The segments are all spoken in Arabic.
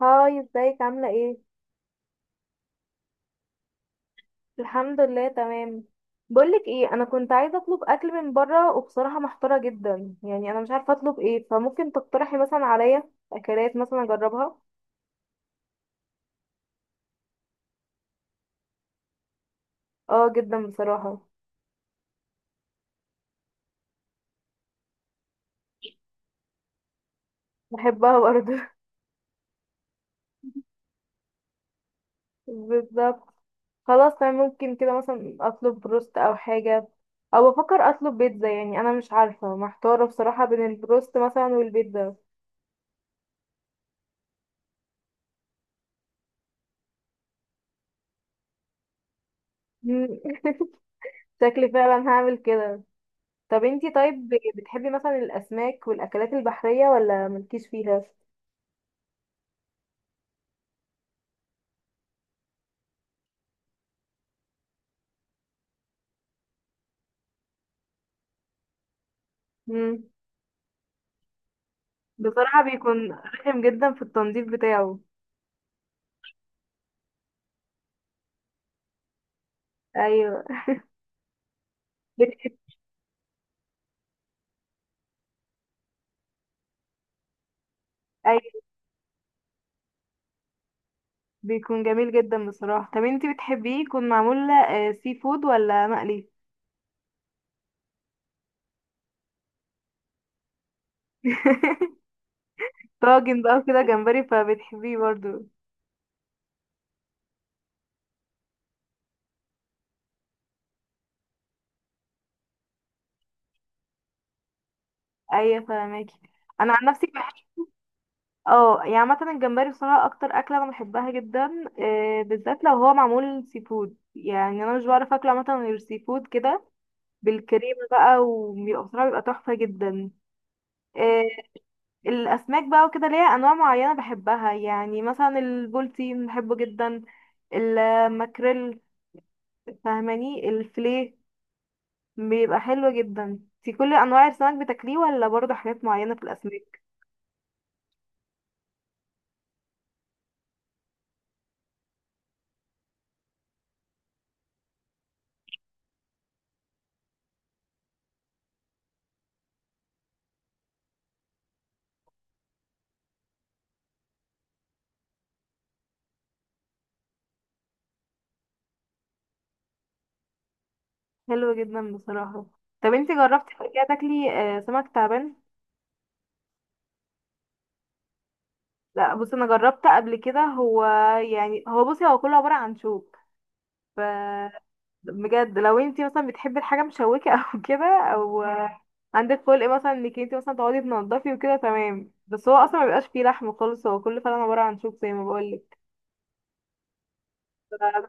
هاي، ازيك؟ عاملة ايه؟ الحمد لله تمام. بقولك ايه، انا كنت عايزة اطلب اكل من بره، وبصراحة محتارة جدا. يعني انا مش عارفة اطلب ايه، فممكن تقترحي مثلا عليا اكلات مثلا اجربها. اه جدا بصراحة. بحبها برضه. بالظبط. خلاص تمام، ممكن كده مثلا اطلب بروست او حاجة، او بفكر اطلب بيتزا. يعني انا مش عارفة، محتارة بصراحة بين البروست مثلا والبيتزا. شكلي فعلا هعمل كده. طب انتي طيب، بتحبي مثلا الاسماك والاكلات البحريه ولا ملكيش فيها؟ مم. بصراحه بيكون رخم جدا في التنظيف بتاعه. ايوه. بتحب. ايوه، بيكون جميل جدا بصراحه. طب انتي بتحبيه يكون معمول سي فود ولا مقلي؟ طاجن بقى كده جمبري، فبتحبيه برضو؟ ايوه، فاهماكي. انا عن نفسي بحب. اه، يعني مثلا الجمبري بصراحه اكتر اكله انا بحبها جدا، بالذات لو هو معمول سي فود. يعني انا مش بعرف اكله مثلا غير سي فود كده، بالكريمة بقى، وبيبقى بصراحة بيبقى تحفة جدا. آه، الأسماك بقى وكده ليها أنواع معينة بحبها، يعني مثلا البولتين بحبه جدا، الماكريل، فاهماني، الفيليه. بيبقى حلو جدا. في كل أنواع السمك بتاكليه ولا برضه حاجات معينة في الأسماك؟ حلو جدا بصراحة. طب انتي جربتي قبل كده تاكلي سمك تعبان؟ لا، بصي انا جربت قبل كده. هو يعني هو، بصي هو كله عبارة عن شوك. ف بجد، لو انتي مثلا بتحبي الحاجه مشوكه او كده، او عندك خلق مثلا انك انتي مثلا تقعدي تنضفي وكده تمام. بس هو اصلا ما بيبقاش فيه لحم خالص، هو كله فعلا عباره عن شوك زي ما بقولك. ف-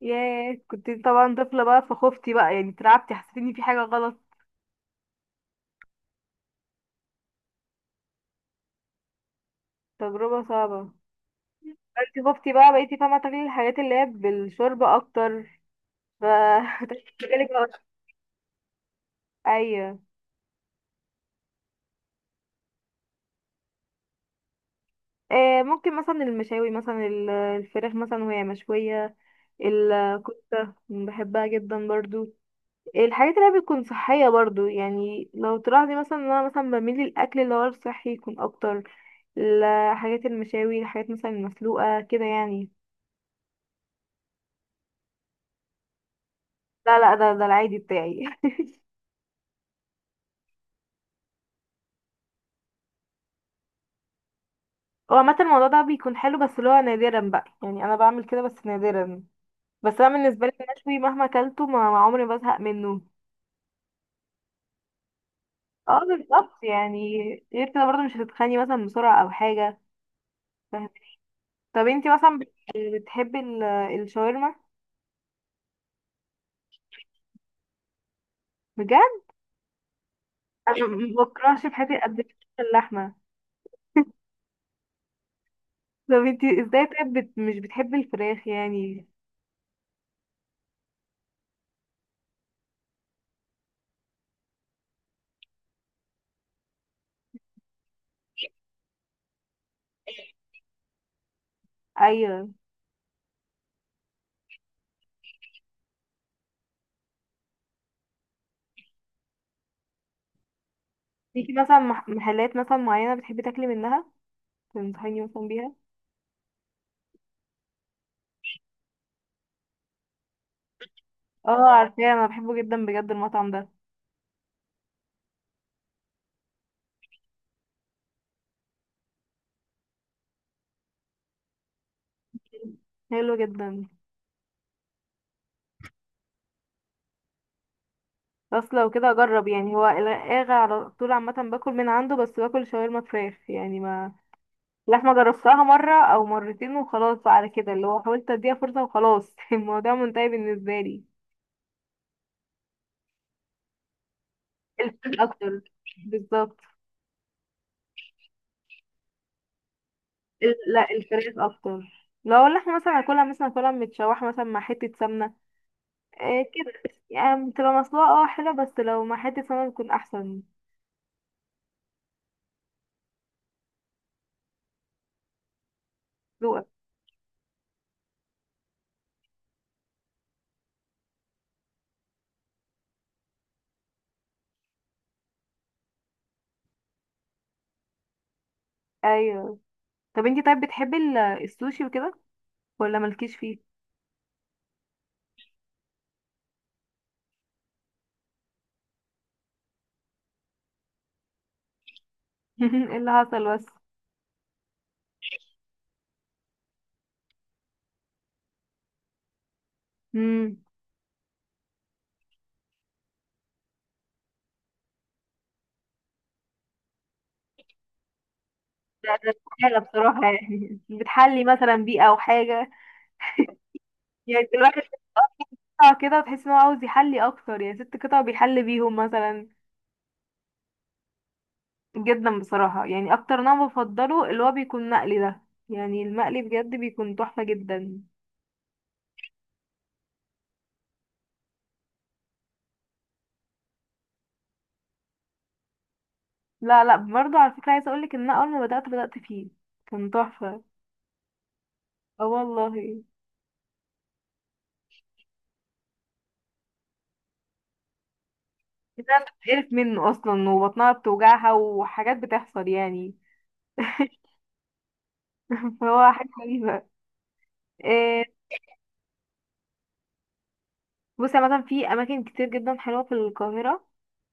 ياه، كنت طبعا طفله بقى فخفتي بقى، يعني اترعبتي، حسيت ان في حاجه غلط. تجربه صعبه. انتي خفتي بقى، بقيتي فاهمه تاكلي الحاجات اللي هي بالشوربه اكتر. ف بالك بقى- ايوه. آه ممكن مثلا المشاوي، مثلا الفراخ مثلا وهي مشويه. الكفتة بحبها جدا برضو. الحاجات اللي هي بتكون صحية برضو، يعني لو تلاحظي مثلا ان انا مثلا بميل للأكل اللي هو الصحي يكون اكتر. الحاجات المشاوي، الحاجات مثلا المسلوقة كده يعني. لا لا، ده العادي بتاعي. هو عامة الموضوع ده بيكون حلو، بس اللي هو نادرا بقى. يعني انا بعمل كده بس نادرا. بس انا بالنسبة لي المشوي مهما اكلته ما عمري ما بزهق منه. اه بالظبط يعني. غير كده برضه مش هتتخني مثلا بسرعة او حاجة. فاهمة؟ طب انتي مثلا، بتحبي الشاورما؟ بجد، انا ما بكرهش في حياتي قد كده اللحمه. طب انتي ازاي طيب، مش بتحبي الفراخ يعني؟ ايوه. ليكي مثلا محلات مثلا معينه بتحبي تاكلي منها تنصحيني مثلا بيها؟ اه عارفاه، انا بحبه جدا بجد المطعم ده. حلو جدا. بس لو كده اجرب. يعني هو الغاغا على طول عامه باكل من عنده، بس باكل شاورما فراخ يعني. ما لحمه جربتها مره او مرتين وخلاص بقى، على كده اللي هو حاولت اديها فرصه وخلاص. الموضوع منتهي بالنسبه لي. اكتر، بالظبط. لا، الفراخ اكتر. لو اللحمه مثلا هاكلها متشوحه مثلا مع حته سمنه. آه كده، يعني بتبقى مسلوقه اه حلوه، بس لو مع حته سمنه بتكون احسن. ذوقك. ايوه. طب انتي طيب بتحبي السوشي وكده ولا مالكيش فيه؟ ايه اللي حصل بس؟ امم. لا، ده حاجه بصراحه، يعني بتحلي مثلا بيه او حاجه؟ يعني الراجل بيقطع كده، وتحس ان هو عاوز يحلي اكتر، يعني ست قطع بيحل بيهم مثلا. جدا بصراحة، يعني اكتر نوع بفضله اللي هو بيكون مقلي ده، يعني المقلي بجد بيكون تحفة جدا. لا لا برضه، على فكرة، عايزة اقولك ان انا اول ما بدأت فيه كان تحفة. اه والله. الناس بتتقرف منه اصلا، وبطنها بتوجعها، وحاجات بتحصل يعني. فهو حاجة غريبة. إيه. بصي مثلا في اماكن كتير جدا حلوة في القاهرة،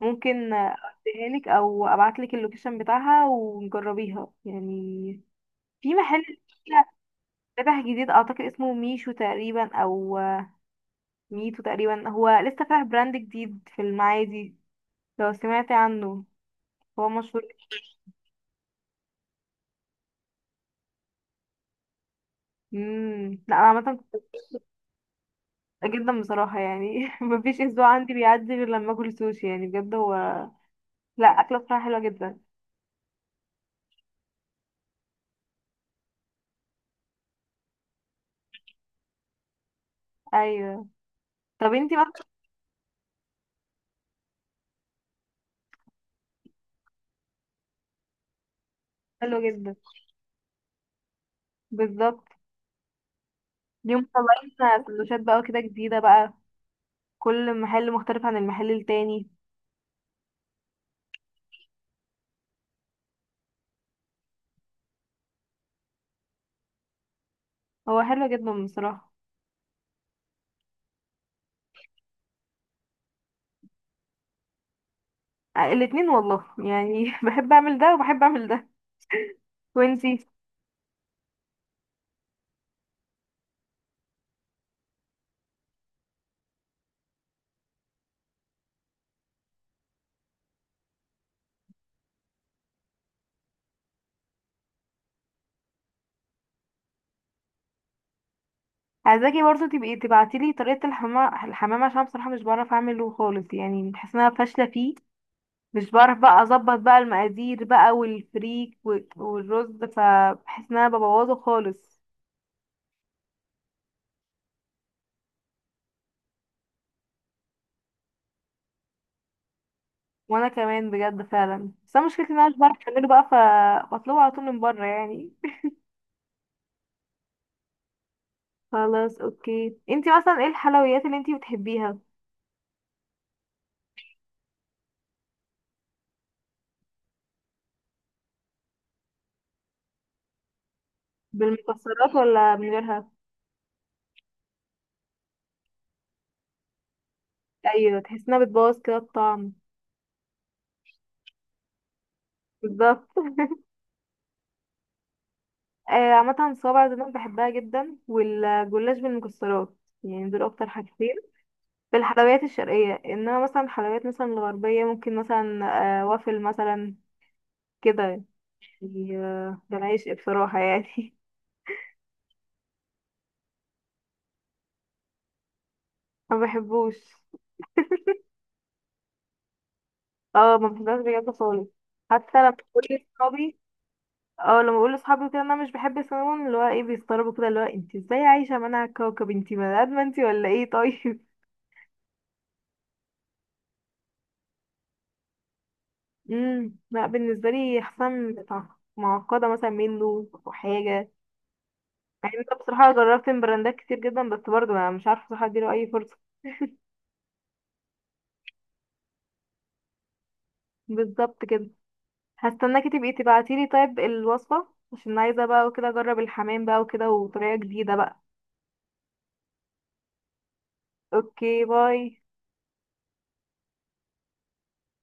ممكن اديها لك او ابعت لك اللوكيشن بتاعها ونجربيها يعني. في محل فتح جديد، اعتقد اسمه ميشو تقريبا او ميتو تقريبا، هو لسه فاتح براند جديد في المعادي، لو سمعت عنه. هو مشهور. لا انا عامه كنت مبسوطة جدا بصراحه. يعني مفيش اسبوع عندي بيعدي غير لما اكل سوشي، يعني بجد هو لا اكله بصراحه حلوه جدا. ايوه. طب انتي بقى. حلوه جدا، بالظبط. اليوم طالعين سندوتشات بقى كده جديده بقى، كل محل مختلف عن المحل التاني. هو حلو جدا بصراحه. الاتنين والله، يعني بحب اعمل ده وبحب اعمل ده. وانتي؟ عايزاكي برضه تبقي تبعتيلي طريقة الحمام عشان بصراحة مش بعرف اعمله خالص، يعني بحس ان انا فاشلة فيه. مش بعرف بقى اظبط بقى المقادير بقى والفريك والرز، فبحس ان انا ببوظه خالص. وانا كمان بجد فعلا، بس انا مشكلتي ان انا مش بعرف اعمله بقى، فبطلبه على طول من بره يعني. خلاص اوكي، انتي مثلا ايه الحلويات اللي انتي بتحبيها؟ بالمكسرات ولا من غيرها؟ ايوه، تحس انها بتبوظ كده الطعم. بالظبط. عامة صوابع زينب بحبها جدا، والجلاش بالمكسرات، يعني دول أكتر حاجتين في الحلويات الشرقية. إنما مثلا الحلويات مثلا الغربية، ممكن مثلا وافل مثلا كده يعني. ده العشق بصراحة يعني. ما بحبوش. اه ما بحبهاش بجد خالص. حتى لما بقول لصحابي، اه لما بقول لصحابي كده إن أنا مش بحب السينامون، اللي هو ايه بيستغربوا كده، اللي هو انت ازاي عايشة منع الكوكب، انت بني آدمة انت ولا ايه؟ طيب. لا بالنسبه لي، حسام معقده مثلا منه وحاجه. يعني انت بصراحه جربت من براندات كتير جدا، بس برضه انا مش عارفه بصراحه اديله اي فرصه. بالظبط كده. هستناكي تبقي تبعتيلي طيب الوصفه عشان عايزه بقى وكده اجرب الحمام بقى وكده وطريقه جديده بقى. اوكي باي.